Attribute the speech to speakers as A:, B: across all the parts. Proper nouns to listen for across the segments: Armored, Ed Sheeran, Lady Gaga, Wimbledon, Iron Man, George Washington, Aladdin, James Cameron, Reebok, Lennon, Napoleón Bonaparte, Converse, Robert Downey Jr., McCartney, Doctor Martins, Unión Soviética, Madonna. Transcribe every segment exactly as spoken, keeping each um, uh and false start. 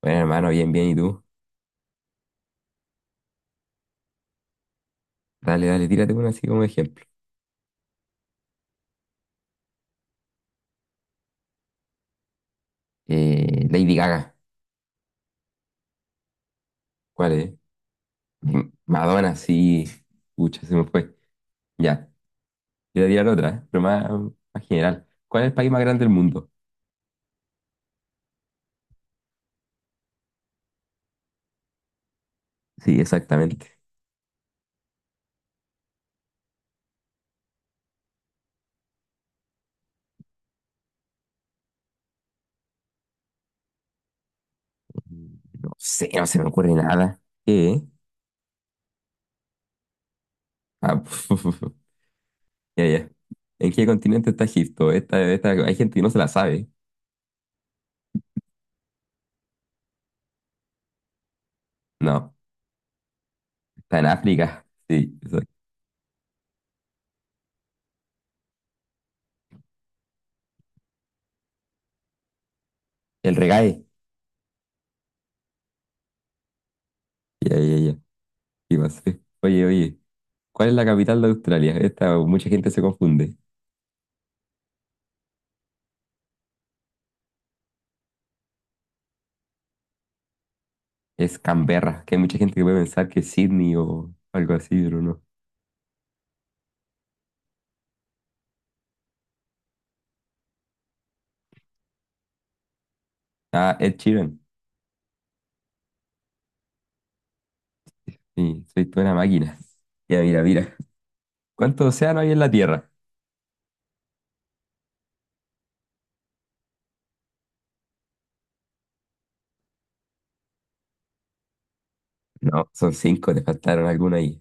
A: Bueno, hermano, bien, bien, ¿y tú? Dale, dale, tírate una así como ejemplo. Eh, Lady Gaga. ¿Cuál es? M- Madonna, sí. Pucha, se me fue. Ya, voy a tirar otra, ¿eh? Pero más, más general. ¿Cuál es el país más grande del mundo? Sí, exactamente. No sé, no se me ocurre nada. ¿Qué? Ah, ya, ya. ¿En qué continente está Egipto? Esta, esta, hay gente que no se la sabe. No, está en África. Sí, exacto. El reggae. Ya, ya, ya. ¿Qué pasó? Oye, oye. ¿Cuál es la capital de Australia? Esta mucha gente se confunde. Es Canberra, que hay mucha gente que puede pensar que es Sydney o algo así, pero no. Ah, Ed Sheeran. Sí, soy toda una máquina. Ya, mira, mira. ¿Cuántos océanos hay en la Tierra? No, son cinco, te faltaron alguna ahí.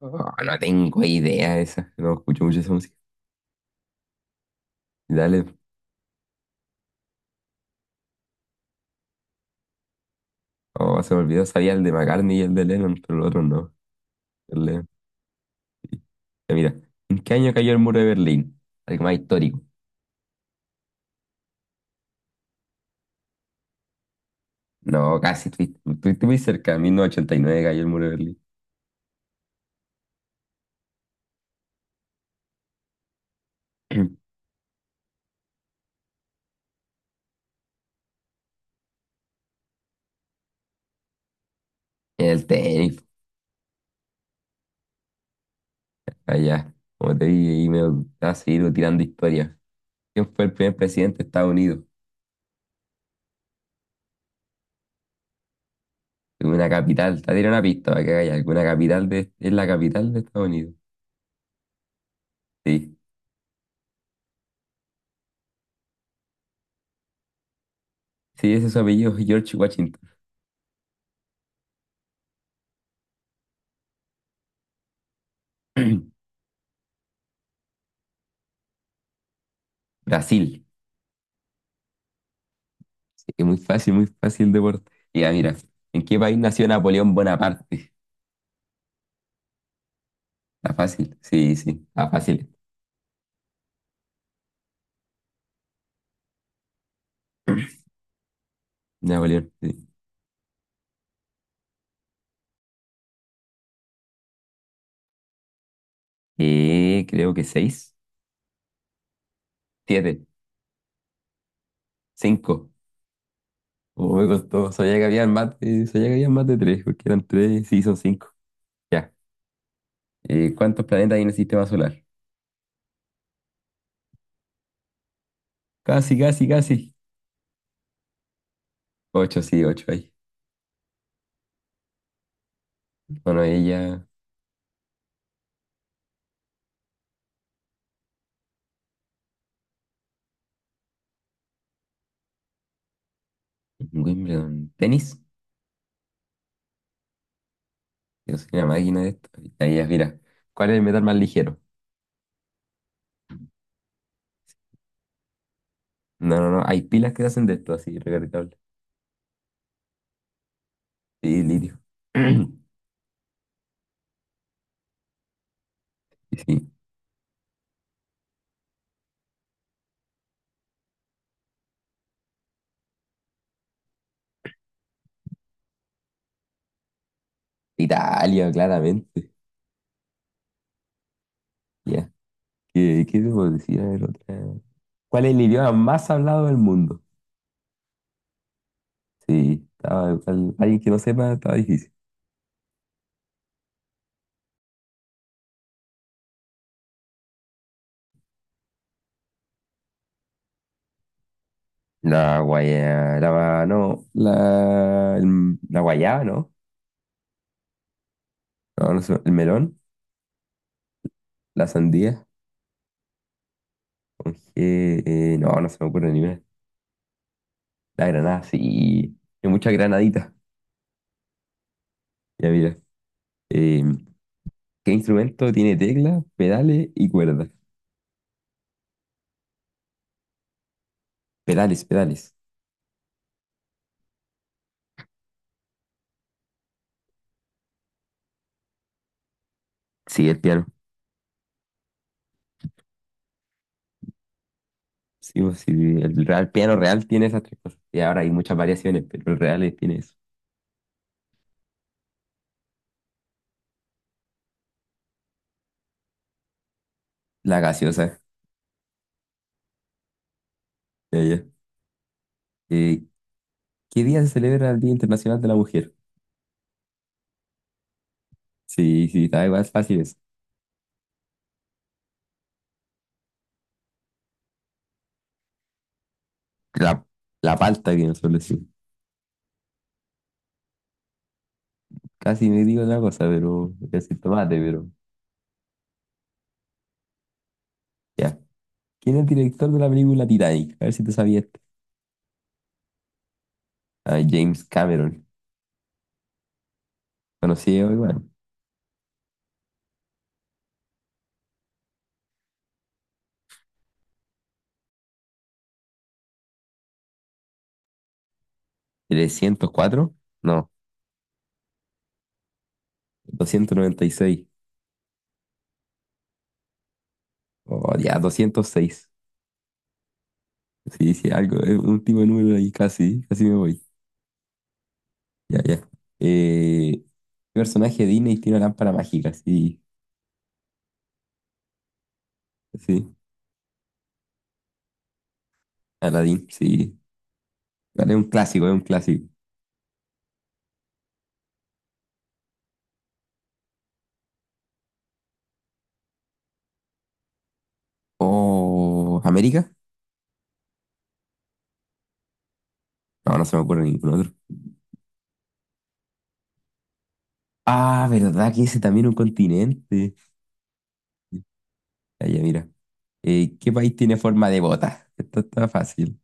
A: Oh, no tengo idea de esa. No escucho mucho esa música. Dale. Oh, se me olvidó. Sabía el de McCartney y el de Lennon, pero los otros no. El Lennon, sí. Ya, mira. ¿En qué año cayó el muro de Berlín? Algo más histórico. No, casi. Estuviste estuviste muy cerca. En mil novecientos ochenta y nueve cayó el muro de Berlín. En el tenis, allá. Como te dije, ahí me va a seguir tirando historias. ¿Quién fue el primer presidente de Estados Unidos? Una capital. Te diré una pista para que haya alguna capital de. Es la capital de Estados Unidos. Sí. Sí, ese es su apellido, George Washington. Brasil. Sí, es muy fácil, muy fácil deporte. Y ya, mira, ¿en qué país nació Napoleón Bonaparte? Está fácil. Sí, sí, está fácil. Napoleón, sí. Eh, creo que seis, siete, cinco. Oh, me costó. Sabía que había más de, sabía que había más de tres, porque eran tres, sí, son cinco. Ya. Eh, ¿cuántos planetas hay en el sistema solar? Casi, casi, casi. Ocho, sí, ocho hay. Bueno, ella, Wimbledon, tenis. Yo soy una máquina de esto. Ahí ya, mira. ¿Cuál es el metal más ligero? No, no, no. Hay pilas que hacen de esto, así, recargable. Sí, litio. Sí. Italia, claramente. Ya. ¿Qué, qué te puedo decir? A ver, otra. ¿Cuál es el idioma más hablado del mundo? Sí, estaba, al- alguien que no sepa, estaba difícil. La guaya, la, no, la, el- la guayaba, ¿no? No, no se- el melón, la sandía, con G, eh, no, no se me ocurre ni una. La granada, sí, hay muchas granaditas. Ya mira, eh, ¿qué instrumento tiene teclas pedales y cuerdas? Pedales, pedales. Sí, el piano. Sí, pues, sí, el real, piano real tiene esas tres cosas. Y ahora hay muchas variaciones, pero el real es- tiene eso. La gaseosa, ya, ya. Eh, ¿Qué día se celebra el Día Internacional de la Mujer? Sí, sí, está igual, es fácil eso. La, la palta que suele decir. Casi me digo otra cosa, pero voy a decir tomate, pero ya. ¿Quién es el director de la película Titanic? A ver si te sabías. este. Ah, James Cameron. Conocido igual. ¿Trescientos cuatro? No, doscientos noventa y seis. Oh, ya, doscientos seis. Sí, sí, algo, es un tipo de número ahí, casi, casi me voy. Ya, ya. Eh, ¿Qué personaje de Disney tiene una lámpara mágica? Sí, sí. Aladdin, sí. Vale, es un clásico, es un clásico. Oh, ¿América? No, no se me ocurre ningún otro. Ah, ¿verdad que ese también es un continente? Allá, mira. Eh, ¿qué país tiene forma de bota? Esto está fácil.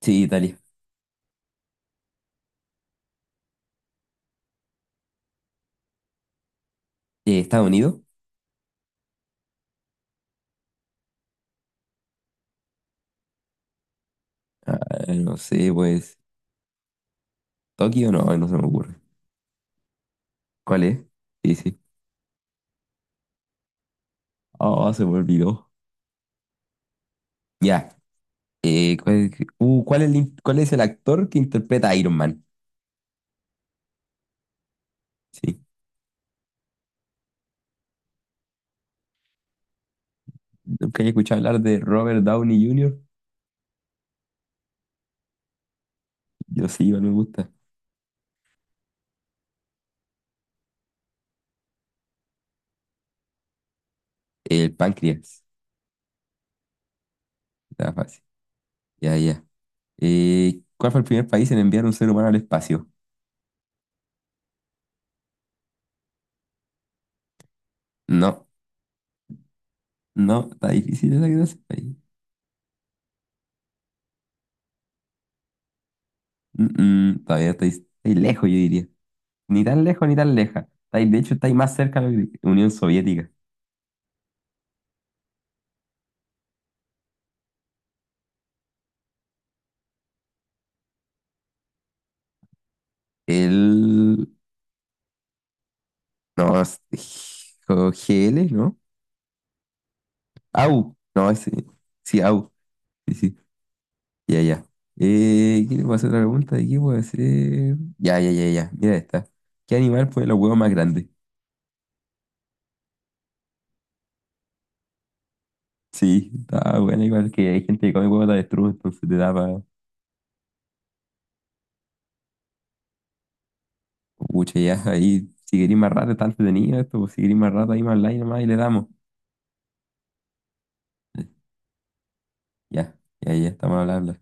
A: Sí, Italia. Eh, ¿Estados Unidos? Ah, no sé, pues. ¿Tokio? No, no se me ocurre. ¿Cuál es? Sí, sí. Oh, se me olvidó. Ya. Eh, ¿cuál, uh, ¿cuál es el, in- cuál es el actor que interpreta a Iron Man? Sí. ¿Nunca he escuchado hablar de Robert Downey Junior? Yo sí, igual me gusta. El páncreas. Está fácil. Ya, ya. Eh, ¿cuál fue el primer país en enviar un ser humano al espacio? No. No, está difícil esa que te ahí. Mm, mm, Todavía estáis estáis lejos, yo diría. Ni tan lejos ni tan leja. Estáis- de hecho, estáis más cerca de la Unión Soviética. El. No, es- G L, ¿no? A U. No, ese. Sí, A U. Sí, sí. Ya, ya. Eh, ¿qué le puedo hacer otra pregunta? ¿De qué puedo hacer? Ya, ya, ya, ya. Mira esta. ¿Qué animal pone los huevos más grandes? Sí, está bueno, igual que hay gente que come huevos de avestruz, entonces te da. Pucha, ya, ahí, si queréis más rato, está entretenido esto, pues, si queréis más rato, ahí más online nomás y le damos. Ya, ya, ya, estamos hablando.